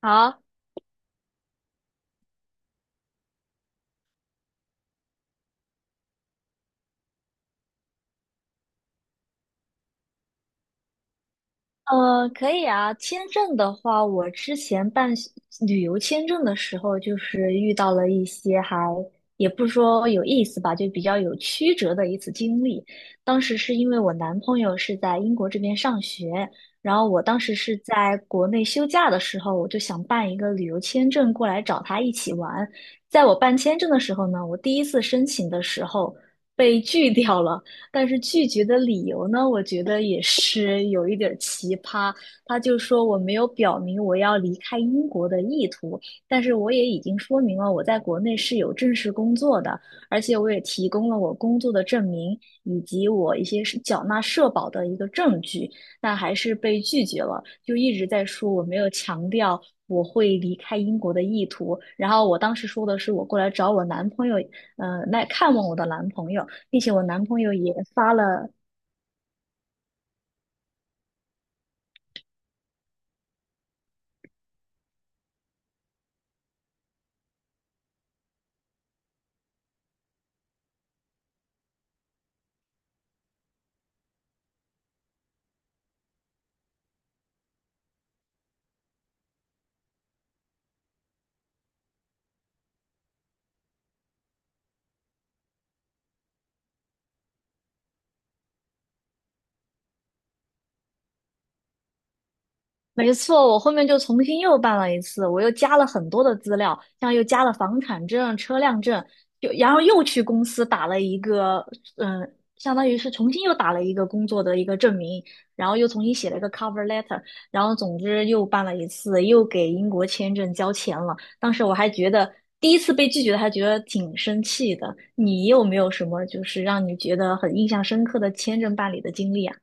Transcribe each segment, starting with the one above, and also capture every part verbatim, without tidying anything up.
好，呃，可以啊。签证的话，我之前办旅游签证的时候，就是遇到了一些还也不是说有意思吧，就比较有曲折的一次经历。当时是因为我男朋友是在英国这边上学，然后我当时是在国内休假的时候，我就想办一个旅游签证过来找他一起玩。在我办签证的时候呢，我第一次申请的时候被拒掉了。但是拒绝的理由呢，我觉得也是有一点儿奇葩。他就说我没有表明我要离开英国的意图，但是我也已经说明了我在国内是有正式工作的，而且我也提供了我工作的证明以及我一些是缴纳社保的一个证据，但还是被拒绝了，就一直在说我没有强调。我会离开英国的意图，然后我当时说的是我过来找我男朋友，嗯，来看望我的男朋友，并且我男朋友也发了，没错，我后面就重新又办了一次，我又加了很多的资料，像又加了房产证、车辆证，就然后又去公司打了一个，嗯，相当于是重新又打了一个工作的一个证明，然后又重新写了一个 cover letter，然后总之又办了一次，又给英国签证交钱了。当时我还觉得第一次被拒绝，还觉得挺生气的。你有没有什么就是让你觉得很印象深刻的签证办理的经历啊？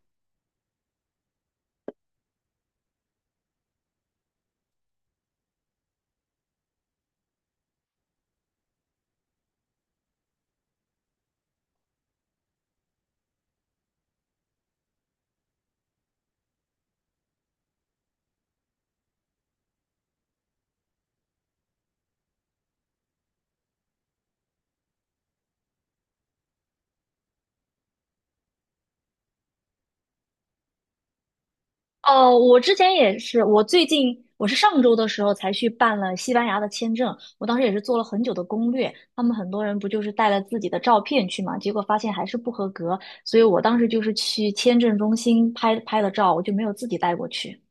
哦，我之前也是，我最近我是上周的时候才去办了西班牙的签证，我当时也是做了很久的攻略。他们很多人不就是带了自己的照片去嘛，结果发现还是不合格，所以我当时就是去签证中心拍拍的照，我就没有自己带过去。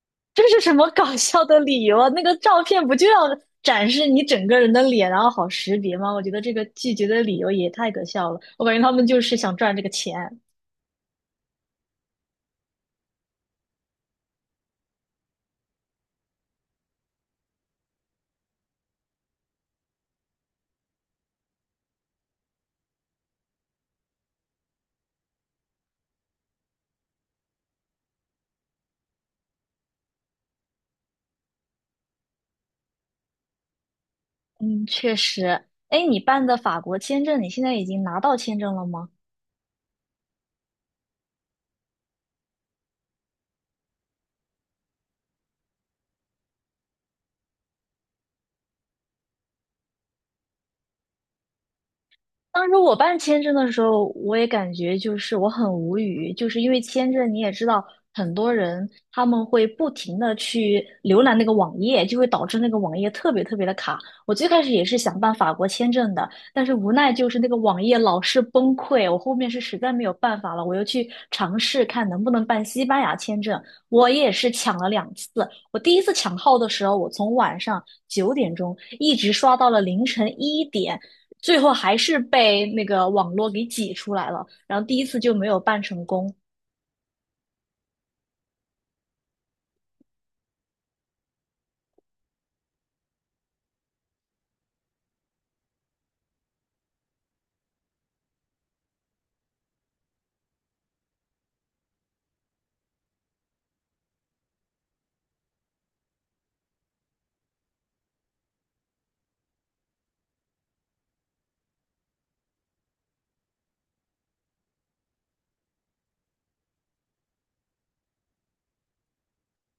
这是什么搞笑的理由啊？那个照片不就要展示你整个人的脸，然后好识别吗？我觉得这个拒绝的理由也太可笑了，我感觉他们就是想赚这个钱。嗯，确实。哎，你办的法国签证，你现在已经拿到签证了吗？当时我办签证的时候，我也感觉就是我很无语，就是因为签证你也知道，很多人他们会不停的去浏览那个网页，就会导致那个网页特别特别的卡。我最开始也是想办法国签证的，但是无奈就是那个网页老是崩溃，我后面是实在没有办法了，我又去尝试看能不能办西班牙签证，我也是抢了两次。我第一次抢号的时候，我从晚上九点钟一直刷到了凌晨一点。最后还是被那个网络给挤出来了，然后第一次就没有办成功。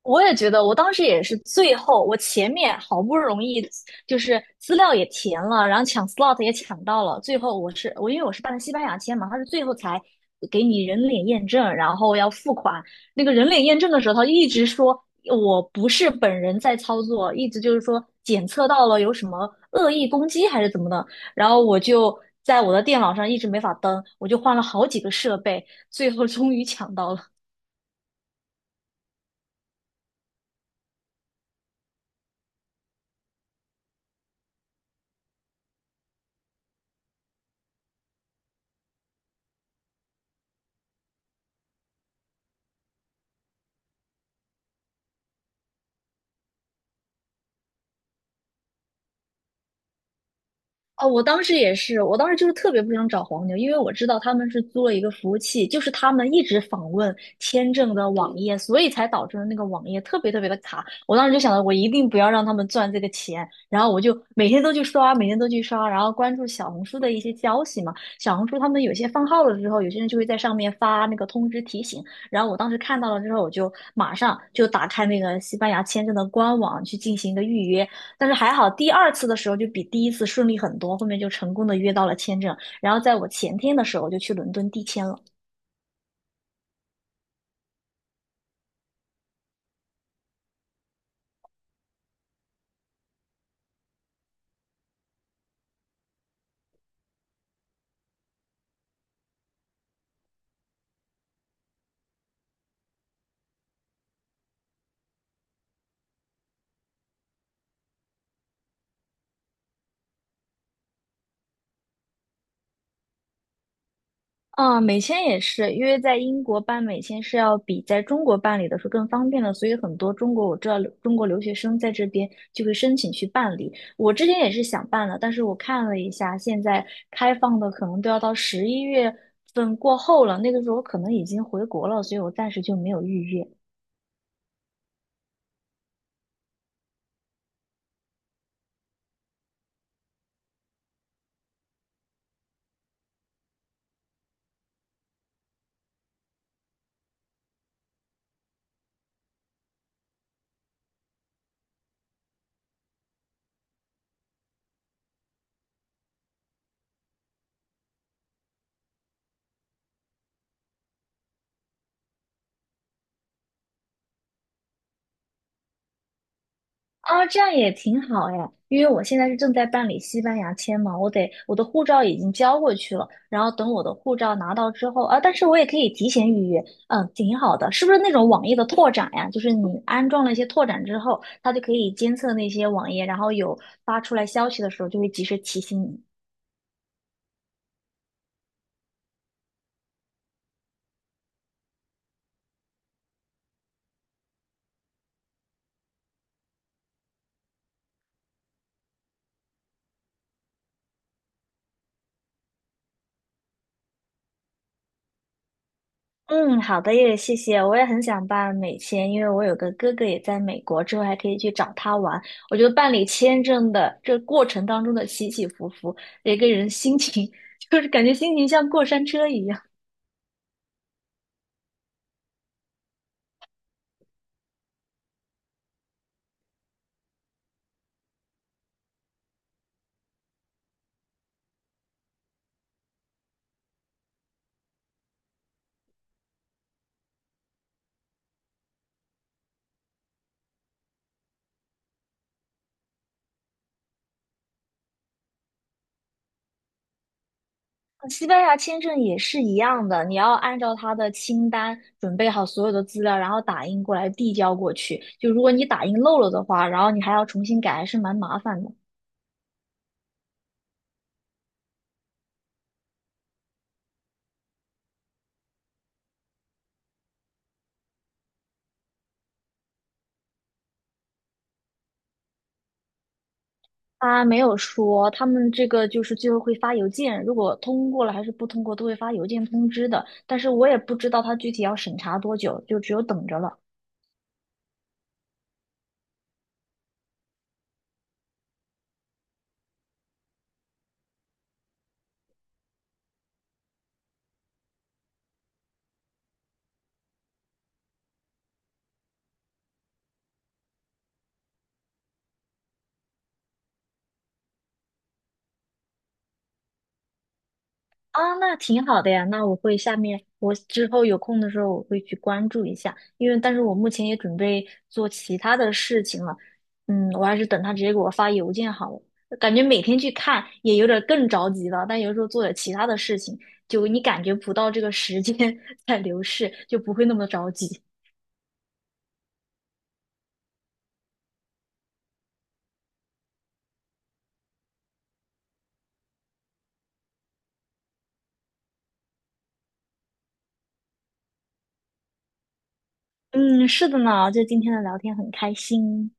我也觉得，我当时也是最后，我前面好不容易就是资料也填了，然后抢 slot 也抢到了，最后我是我因为我是办的西班牙签嘛，他是最后才给你人脸验证，然后要付款。那个人脸验证的时候，他一直说我不是本人在操作，一直就是说检测到了有什么恶意攻击还是怎么的，然后我就在我的电脑上一直没法登，我就换了好几个设备，最后终于抢到了。哦，我当时也是，我当时就是特别不想找黄牛，因为我知道他们是租了一个服务器，就是他们一直访问签证的网页，所以才导致了那个网页特别特别的卡。我当时就想着，我一定不要让他们赚这个钱，然后我就每天都去刷，每天都去刷，然后关注小红书的一些消息嘛。小红书他们有些放号了之后，有些人就会在上面发那个通知提醒，然后我当时看到了之后，我就马上就打开那个西班牙签证的官网去进行一个预约，但是还好，第二次的时候就比第一次顺利很多，后面就成功的约到了签证。然后在我前天的时候就去伦敦递签了。啊，美签也是，因为在英国办美签是要比在中国办理的时候更方便的，所以很多中国我知道中国留学生在这边就会申请去办理。我之前也是想办的，但是我看了一下，现在开放的可能都要到十一月份过后了，那个时候我可能已经回国了，所以我暂时就没有预约。啊，这样也挺好哎，因为我现在是正在办理西班牙签嘛，我得我的护照已经交过去了，然后等我的护照拿到之后啊，但是我也可以提前预约，嗯，挺好的，是不是那种网页的拓展呀？就是你安装了一些拓展之后，它就可以监测那些网页，然后有发出来消息的时候就会及时提醒你。嗯，好的，也谢谢。我也很想办美签，因为我有个哥哥也在美国，之后还可以去找他玩。我觉得办理签证的这过程当中的起起伏伏，一个人心情 就是感觉心情像过山车一样。西班牙签证也是一样的，你要按照他的清单准备好所有的资料，然后打印过来递交过去。就如果你打印漏了的话，然后你还要重新改，还是蛮麻烦的。他没有说，他们这个就是最后会发邮件，如果通过了还是不通过，都会发邮件通知的。但是我也不知道他具体要审查多久，就只有等着了。啊，那挺好的呀，那我会下面我之后有空的时候我会去关注一下，因为但是我目前也准备做其他的事情了。嗯，我还是等他直接给我发邮件好了。感觉每天去看也有点儿更着急了，但有时候做点其他的事情，就你感觉不到这个时间 在流逝，就不会那么着急。嗯，是的呢，就今天的聊天很开心。